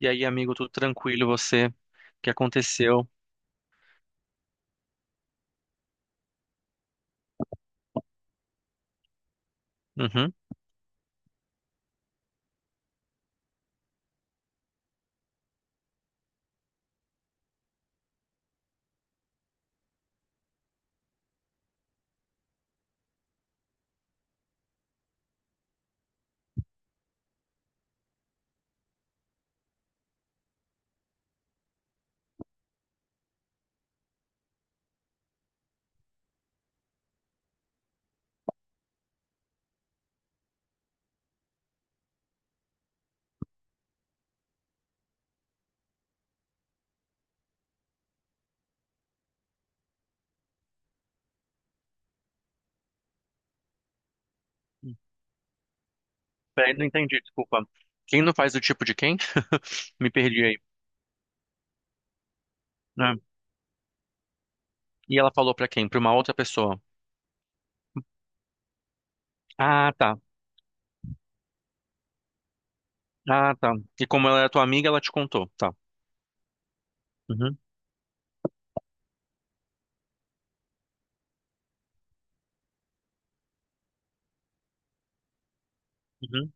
E aí, amigo, tudo tranquilo, você? O que aconteceu? Uhum. Peraí, não entendi, desculpa. Quem não faz do tipo de quem? Me perdi aí. Ah, e ela falou pra quem? Pra uma outra pessoa. Ah, tá. Ah, tá. E como ela é tua amiga, ela te contou. Tá. Uhum. Uhum.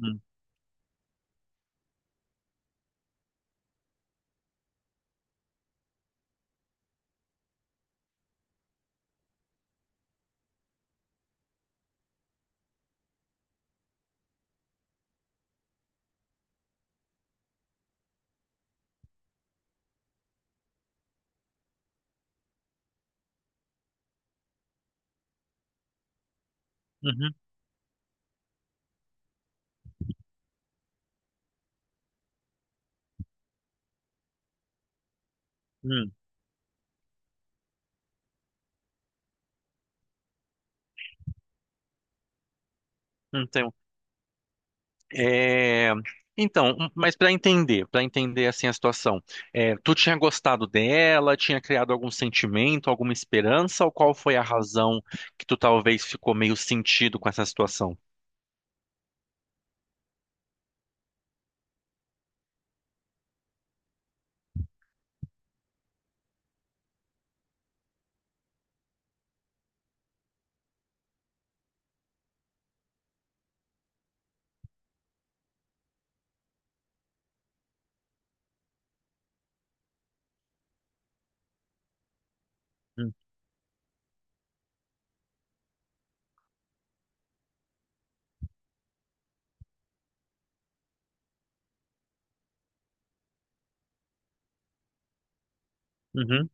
Uhum. Uhum. Uhum. É, mas para entender assim a situação, tu tinha gostado dela, tinha criado algum sentimento, alguma esperança, ou qual foi a razão que tu talvez ficou meio sentido com essa situação? Hum, Uhum.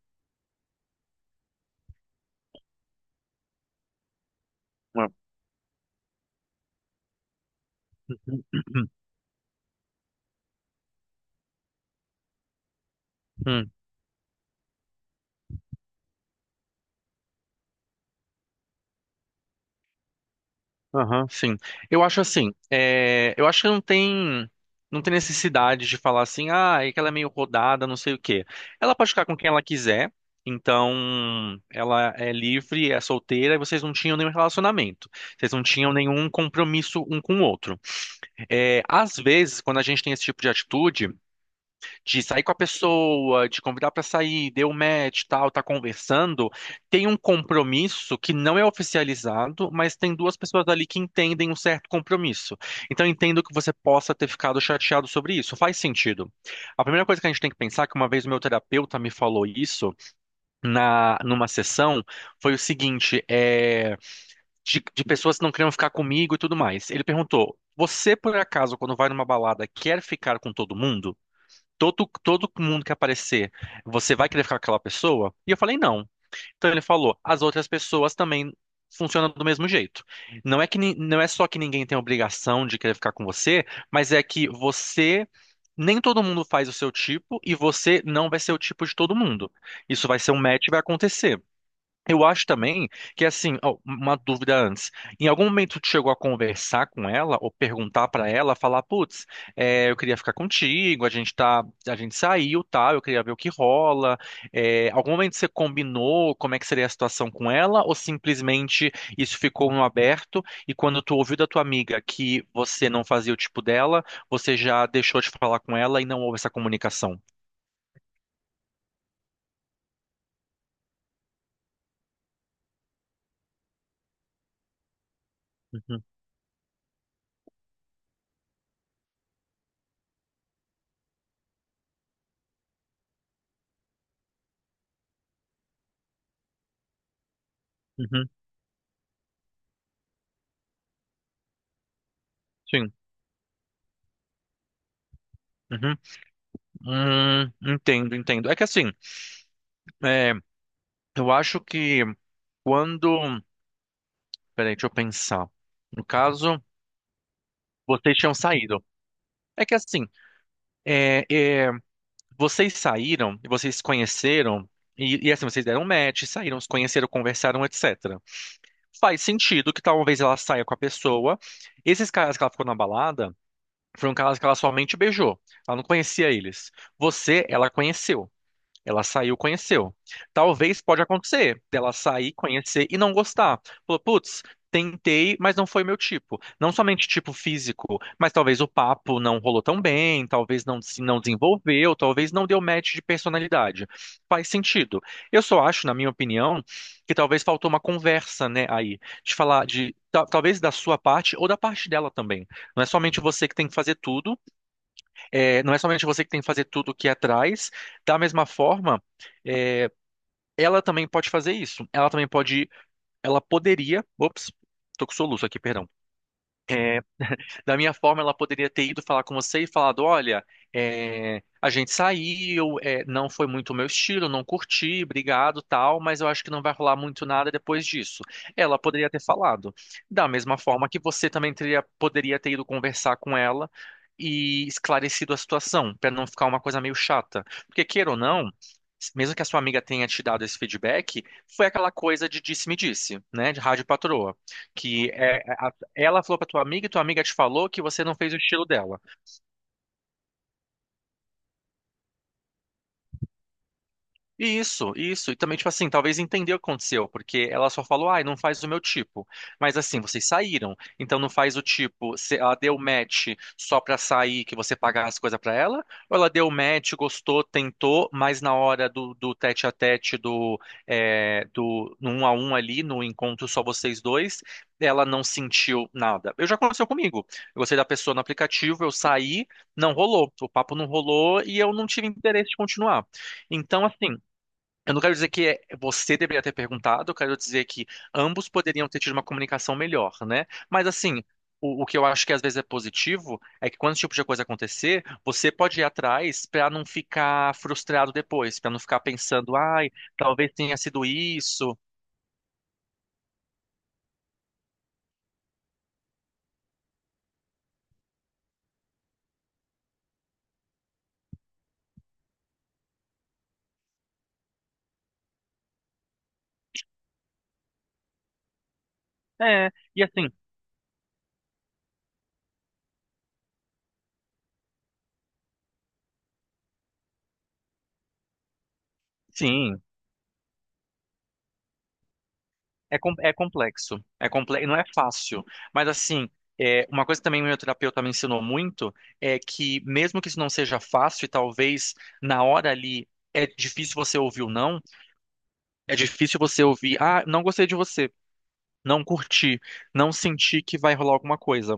Uhum. Aham, sim. Eu acho assim, eu acho que não tem necessidade de falar assim, ah, é que ela é meio rodada, não sei o quê. Ela pode ficar com quem ela quiser, então ela é livre, é solteira, e vocês não tinham nenhum relacionamento. Vocês não tinham nenhum compromisso um com o outro. É, às vezes, quando a gente tem esse tipo de atitude, de sair com a pessoa, de convidar para sair, deu match, tal, tá conversando, tem um compromisso que não é oficializado, mas tem duas pessoas ali que entendem um certo compromisso. Então eu entendo que você possa ter ficado chateado sobre isso. Faz sentido. A primeira coisa que a gente tem que pensar, que uma vez o meu terapeuta me falou isso na numa sessão, foi o seguinte, de pessoas que não queriam ficar comigo e tudo mais. Ele perguntou: Você, por acaso, quando vai numa balada, quer ficar com todo mundo? Todo mundo que aparecer, você vai querer ficar com aquela pessoa? E eu falei, não. Então ele falou, as outras pessoas também funcionam do mesmo jeito. Não é não é só que ninguém tem obrigação de querer ficar com você, mas é que nem todo mundo faz o seu tipo e você não vai ser o tipo de todo mundo. Isso vai ser um match e vai acontecer. Eu acho também que, assim, ó, uma dúvida antes. Em algum momento tu chegou a conversar com ela ou perguntar pra ela, falar, putz, eu queria ficar contigo, a gente tá, a gente saiu, tal, eu queria ver o que rola. É, algum momento você combinou como é que seria a situação com ela ou simplesmente isso ficou no aberto e quando tu ouviu da tua amiga que você não fazia o tipo dela, você já deixou de falar com ela e não houve essa comunicação? Uhum, uhum, sim. Uhum. Entendo, entendo. É que assim. É, eu acho que quando. Peraí, deixa eu pensar. No caso, vocês tinham saído. É que assim, é, é, vocês saíram e vocês se conheceram, e assim, vocês deram um match, saíram, se conheceram, conversaram, etc. Faz sentido que talvez ela saia com a pessoa. Esses caras que ela ficou na balada foram caras que ela somente beijou. Ela não conhecia eles. Você, ela conheceu. Ela saiu, conheceu. Talvez pode acontecer dela sair, conhecer e não gostar. Falou, putz, tentei, mas não foi meu tipo. Não somente tipo físico, mas talvez o papo não rolou tão bem, talvez não se não desenvolveu, talvez não deu match de personalidade. Faz sentido. Eu só acho, na minha opinião, que talvez faltou uma conversa, né, aí, de falar talvez da sua parte ou da parte dela também. Não é somente você que tem que fazer tudo, não é somente você que tem que fazer tudo o que é atrás. Da mesma forma, é, ela também pode fazer isso. Ela também pode. Ela poderia. Ops, tô com soluço aqui, perdão. Da minha forma, ela poderia ter ido falar com você e falado: olha, a gente saiu, não foi muito o meu estilo, não curti, obrigado, tal, mas eu acho que não vai rolar muito nada depois disso. Ela poderia ter falado. Da mesma forma que você também poderia ter ido conversar com ela e esclarecido a situação, para não ficar uma coisa meio chata. Porque, queira ou não. Mesmo que a sua amiga tenha te dado esse feedback, foi aquela coisa de disse-me-disse, né? De rádio patroa que é, ela falou pra tua amiga e tua amiga te falou que você não fez o estilo dela. Isso, isso. E também, tipo assim, talvez entender o que aconteceu, porque ela só falou, ai, não faz o meu tipo. Mas assim, vocês saíram, então não faz o tipo. Se ela deu match só pra sair, que você pagar as coisas pra ela? Ou ela deu match, gostou, tentou, mas na hora do tete a tete, do no um a um ali, no encontro só vocês dois, ela não sentiu nada. Eu já aconteceu comigo. Eu gostei da pessoa no aplicativo, eu saí, não rolou. O papo não rolou e eu não tive interesse de continuar. Então, assim. Eu não quero dizer você deveria ter perguntado, eu quero dizer que ambos poderiam ter tido uma comunicação melhor, né? Mas assim, o que eu acho que às vezes é positivo é que quando esse tipo de coisa acontecer, você pode ir atrás para não ficar frustrado depois, para não ficar pensando, ai, talvez tenha sido isso. É, e assim, sim. É complexo, é não é fácil, mas assim, é, uma coisa que também meu terapeuta me ensinou muito é que mesmo que isso não seja fácil, e talvez na hora ali é difícil você ouvir o não, é difícil você ouvir, ah, não gostei de você, não curti, não senti que vai rolar alguma coisa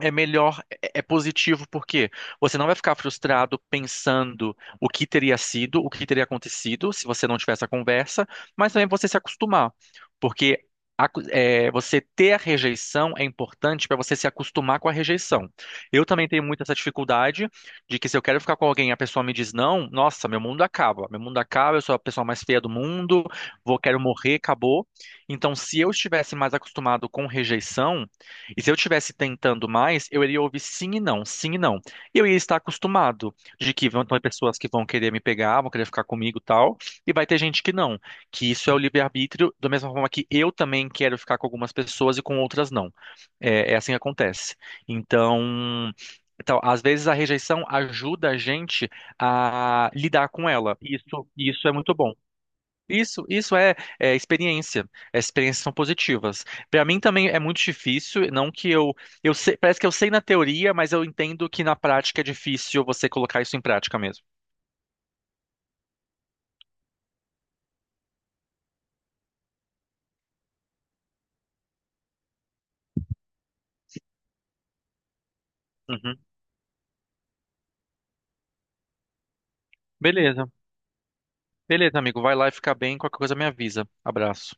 é melhor, é positivo, porque você não vai ficar frustrado pensando o que teria sido, o que teria acontecido se você não tivesse a conversa, mas também você se acostumar, porque você ter a rejeição é importante para você se acostumar com a rejeição. Eu também tenho muito essa dificuldade de que se eu quero ficar com alguém e a pessoa me diz não, nossa, meu mundo acaba, eu sou a pessoa mais feia do mundo, quero morrer, acabou. Então, se eu estivesse mais acostumado com rejeição, e se eu estivesse tentando mais, eu iria ouvir sim e não, sim e não. E eu ia estar acostumado de que vão ter pessoas que vão querer me pegar, vão querer ficar comigo e tal, e vai ter gente que não, que isso é o livre-arbítrio, da mesma forma que eu também quero ficar com algumas pessoas e com outras não. É, é assim que acontece. Então, então, às vezes a rejeição ajuda a gente a lidar com ela. Isso é muito bom. Isso é, é experiência. As experiências são positivas. Para mim também é muito difícil, não que eu, parece que eu sei na teoria, mas eu entendo que na prática é difícil você colocar isso em prática mesmo. Uhum. Beleza, beleza, amigo. Vai lá e fica bem. Qualquer coisa me avisa. Abraço.